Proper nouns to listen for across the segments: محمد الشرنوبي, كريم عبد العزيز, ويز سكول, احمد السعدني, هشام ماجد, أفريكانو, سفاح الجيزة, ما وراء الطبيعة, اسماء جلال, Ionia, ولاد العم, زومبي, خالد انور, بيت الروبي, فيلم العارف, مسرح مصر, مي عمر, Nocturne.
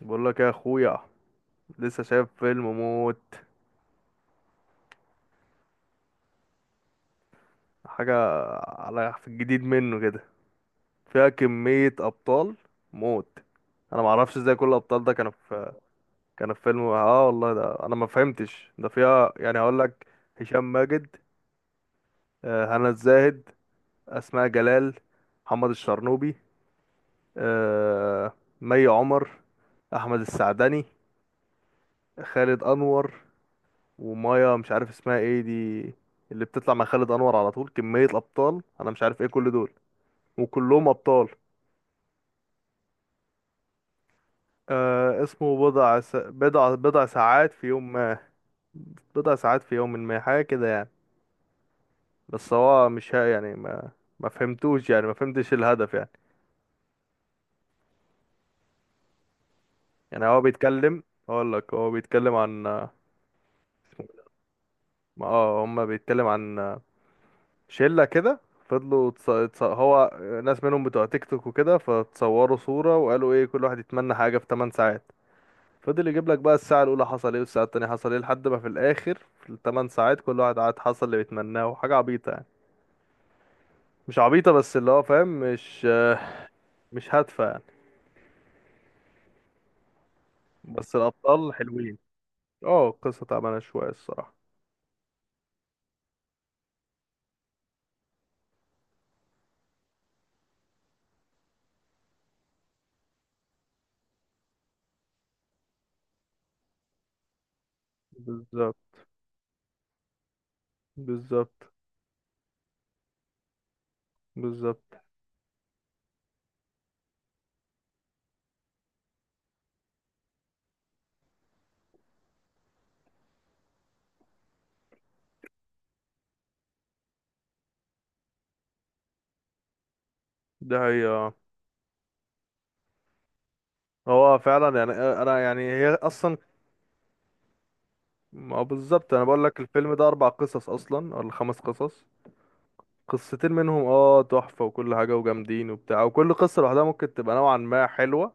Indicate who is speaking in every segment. Speaker 1: بقول لك يا اخويا لسه شايف فيلم موت حاجه على في الجديد منه كده فيها كميه ابطال موت. انا ما اعرفش ازاي كل الابطال ده كانوا في فيلم، اه والله ده انا ما فهمتش، ده فيها يعني هقول لك: هشام ماجد، هنا الزاهد، اسماء جلال، محمد الشرنوبي، آه، مي عمر، احمد السعدني، خالد انور، ومايا مش عارف اسمها ايه دي اللي بتطلع مع خالد انور على طول. كمية ابطال انا مش عارف ايه كل دول، وكلهم ابطال. آه اسمه بضع س... بضع بضع ساعات في يوم ما، بضع ساعات في يوم ما حاجة كده يعني. بس هو مش ها يعني ما فهمتوش، يعني ما فهمتش الهدف يعني. يعني هو بيتكلم، اقول لك هو بيتكلم عن اه هما بيتكلم عن شلة كده فضلوا هو ناس منهم بتوع تيك توك وكده، فتصوروا صورة وقالوا ايه، كل واحد يتمنى حاجة في 8 ساعات. فضل يجيب لك بقى الساعة الأولى حصل ايه، والساعة التانية حصل ايه، لحد ما في الآخر في الثمان ساعات كل واحد قعد حصل اللي بيتمناه، وحاجة عبيطة يعني، مش عبيطة بس اللي هو فاهم، مش هادفة يعني، بس الأبطال حلوين. اه القصة تعبانة شوية الصراحة. بالظبط، بالظبط، بالظبط. ده هي. هو فعلا يعني أنا يعني هي أصلا، ما هو بالظبط، أنا بقول لك الفيلم ده أربع قصص أصلا ولا خمس قصص، قصتين منهم تحفة وكل حاجة وجامدين وبتاع، وكل قصة لوحدها ممكن تبقى نوعا ما حلوة،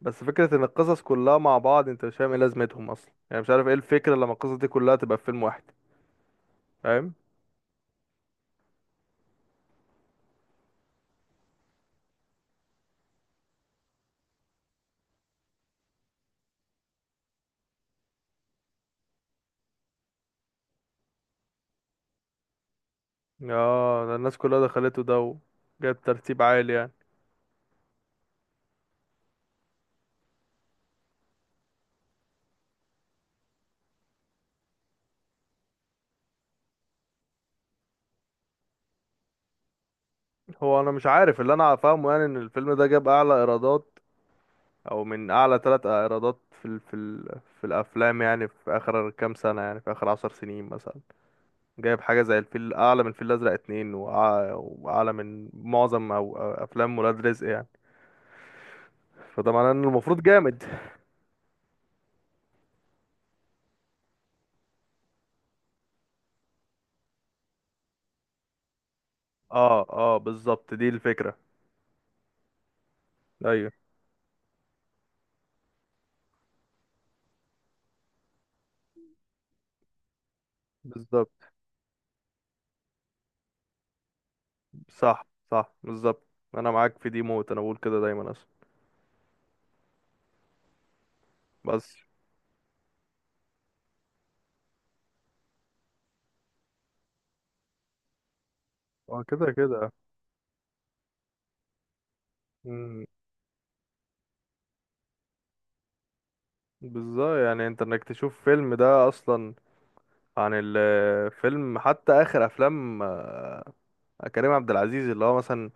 Speaker 1: بس فكرة ان القصص كلها مع بعض انت مش فاهم ايه لازمتهم اصلا، يعني مش عارف ايه الفكرة لما القصص دي كلها تبقى في فيلم واحد، فاهم. اه ده الناس كلها دخلته ده، وجاب ترتيب عالي يعني. هو انا مش عارف، اللي انا فاهمه يعني ان الفيلم ده جاب اعلى ايرادات، او من اعلى ثلاث ايرادات في الافلام يعني في اخر كام سنة، يعني في اخر عشر سنين مثلا، جايب حاجة زي الفيل، اعلى من الفيل الازرق اتنين، واعلى من معظم او افلام ولاد رزق يعني، فده معناه انه المفروض جامد. اه اه بالظبط دي الفكرة. ايوه. بالظبط. صح، صح بالظبط، انا معاك في دي موت، انا بقول كده دايما اصلا. بس هو كده كده. مم. بالظبط، يعني انت انك تشوف فيلم ده اصلا، عن الفيلم حتى، اخر افلام كريم عبد العزيز اللي هو مثلا،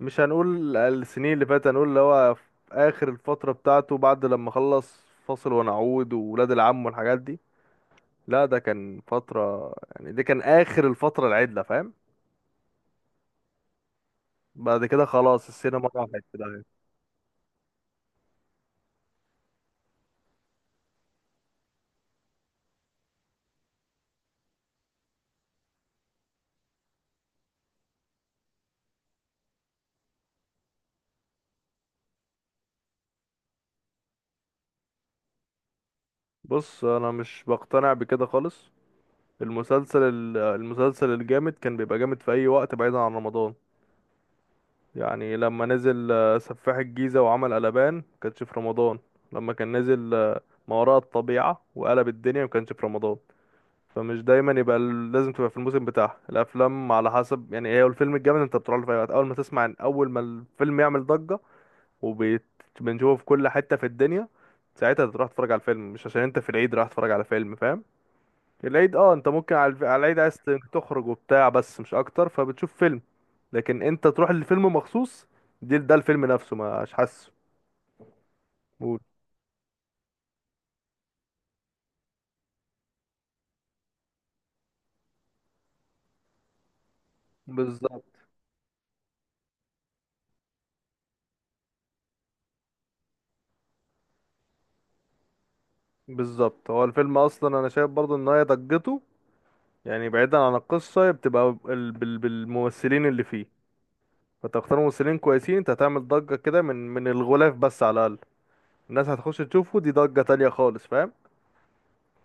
Speaker 1: مش هنقول السنين اللي فاتت، هنقول اللي هو في اخر الفترة بتاعته، بعد لما خلص فاصل ونعود وولاد العم والحاجات دي، لا ده كان فترة، يعني دي كان اخر الفترة العدلة فاهم. بعد كده خلاص السينما راحت في داهية. بص انا مش بقتنع بكده خالص، المسلسل الجامد كان بيبقى جامد في اي وقت بعيدا عن رمضان، يعني لما نزل سفاح الجيزة وعمل قلبان كانش في رمضان، لما كان نزل ما وراء الطبيعة وقلب الدنيا ما كانش في رمضان، فمش دايما يبقى لازم تبقى في الموسم بتاعها الافلام، على حسب يعني، هي الفيلم الجامد انت بتروح له في اي وقت، اول ما تسمع، اول ما الفيلم يعمل ضجة وبنشوفه في كل حتة في الدنيا ساعتها تروح تتفرج على الفيلم، مش عشان انت في العيد رايح تتفرج على فيلم فاهم. العيد انت ممكن على على العيد عايز تخرج وبتاع بس مش اكتر، فبتشوف فيلم، لكن انت تروح للفيلم مخصوص، دي ده الفيلم نفسه مش حاسه. قول. بالظبط، بالظبط، هو الفيلم اصلا انا شايف برضو ان هي ضجته، يعني بعيدا عن القصة، هي بتبقى بالممثلين اللي فيه، فتختار ممثلين كويسين انت هتعمل ضجة كده من الغلاف بس على الاقل، الناس هتخش تشوفه، دي ضجة تانية خالص فاهم.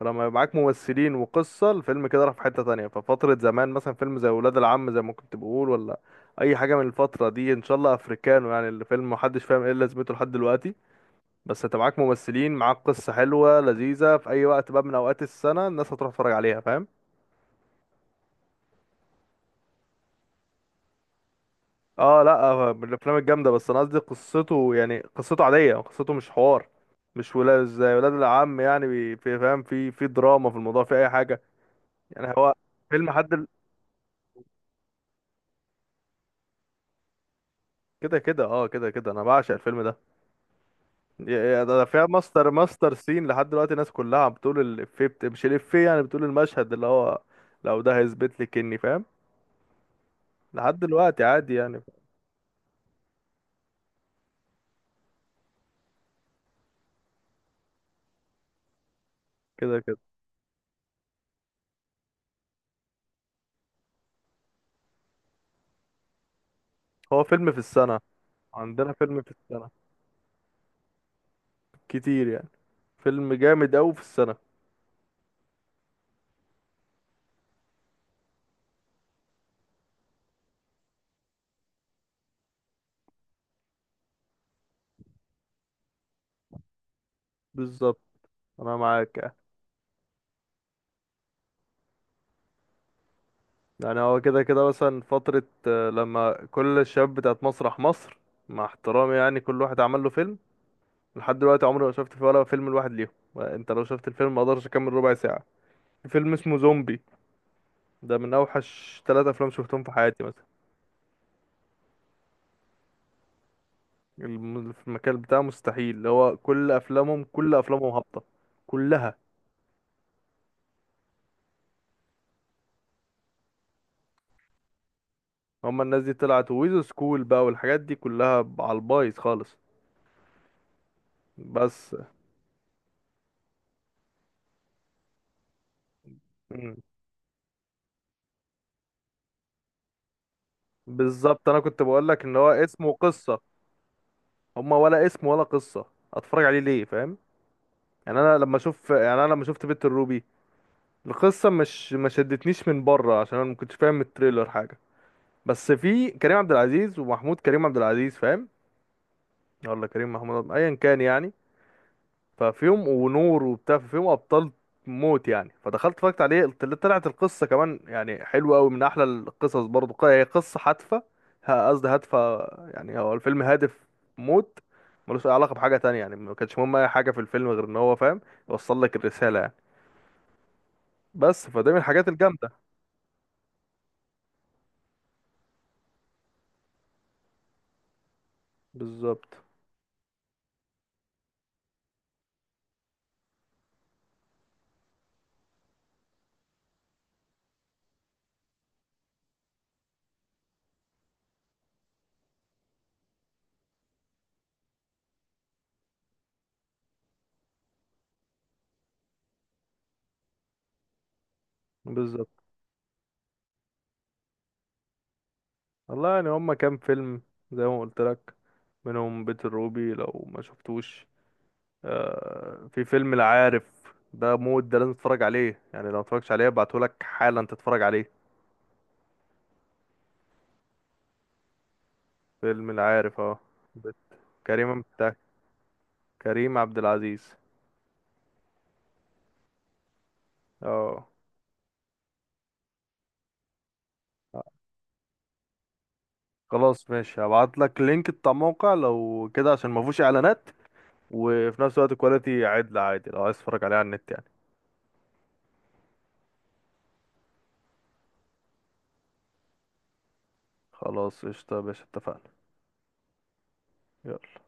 Speaker 1: لما يبقى معاك ممثلين وقصة الفيلم كده راح في حتة تانية، ففترة زمان مثلا فيلم زي ولاد العم زي ما كنت بقول، ولا أي حاجة من الفترة دي، إن شاء الله أفريكانو، يعني الفيلم محدش فاهم إيه لازمته لحد دلوقتي، بس أنت معاك ممثلين، معاك قصة حلوة لذيذة، في أي وقت بقى من أوقات السنة الناس هتروح تتفرج عليها فاهم؟ اه لا، من الأفلام الجامدة، بس أنا قصدي قصته، يعني قصته عادية، قصته مش حوار، مش ولا زي ولاد العم يعني، في فاهم، في دراما، في الموضوع، في أي حاجة، يعني هو فيلم كده كده، اه كده كده أنا بعشق الفيلم ده، يا ده فيها ماستر ماستر سين لحد دلوقتي الناس كلها عم بتقول الإفيه، مش الإفيه يعني، بتقول المشهد اللي هو، لو ده هيثبت لك إني فاهم لحد دلوقتي عادي يعني. كده كده هو فيلم في السنة، عندنا فيلم في السنة كتير يعني، فيلم جامد أوي في السنة. بالظبط أنا معاك يعني. يعني هو كده كده، مثلا فترة لما كل الشباب بتاعت مسرح مصر، مع احترامي يعني، كل واحد عمل له فيلم، لحد دلوقتي عمري ما شفت فيه ولا فيلم لواحد ليهم، يعني انت لو شفت الفيلم ما اقدرش اكمل ربع ساعة، في فيلم اسمه زومبي، ده من اوحش ثلاثة افلام شفتهم في حياتي مثلا، في المكان بتاعه مستحيل، اللي هو كل افلامهم، كل افلامهم هابطة، كلها. هما الناس دي طلعت ويز سكول بقى والحاجات دي كلها على البايظ خالص. بس. مم. بالظبط، انا كنت بقول لك ان هو اسمه قصة، هما ولا اسم ولا قصة، اتفرج عليه ليه فاهم، يعني انا لما اشوف، يعني انا لما شفت بيت الروبي، القصة مش ما شدتنيش من بره عشان انا ما كنتش فاهم من التريلر حاجة، بس في كريم عبد العزيز ومحمود كريم عبد العزيز فاهم، ولا كريم محمود عبد- ايا كان يعني، ففيهم ونور وبتاع، فيهم ابطال موت يعني، فدخلت اتفرجت عليه، طلعت القصه كمان يعني حلوه قوي، من احلى القصص برضو، هي قصه هادفه، قصدي هادفه، يعني هو الفيلم هادف موت، ملوش اي علاقه بحاجه تانية يعني، ما كانش مهم اي حاجه في الفيلم غير ان هو فاهم يوصل لك الرساله يعني، بس فده من الحاجات الجامده. بالظبط، بالظبط. والله يعني هما كام فيلم زي ما قلت لك، منهم بيت الروبي لو ما شفتوش، في فيلم العارف، ده مود، ده لازم تتفرج عليه يعني، لو متفرجتش عليه ابعتهولك حالا تتفرج عليه. فيلم العارف اه. بت- كريم بتاع، كريم عبد العزيز اه. خلاص ماشي، هبعتلك لينك بتاع موقع لو كده عشان ما فيهوش اعلانات، وفي نفس الوقت كواليتي عدل عادي، لو عايز تتفرج عليه على النت يعني. خلاص قشطة يا باشا اتفقنا. يلا.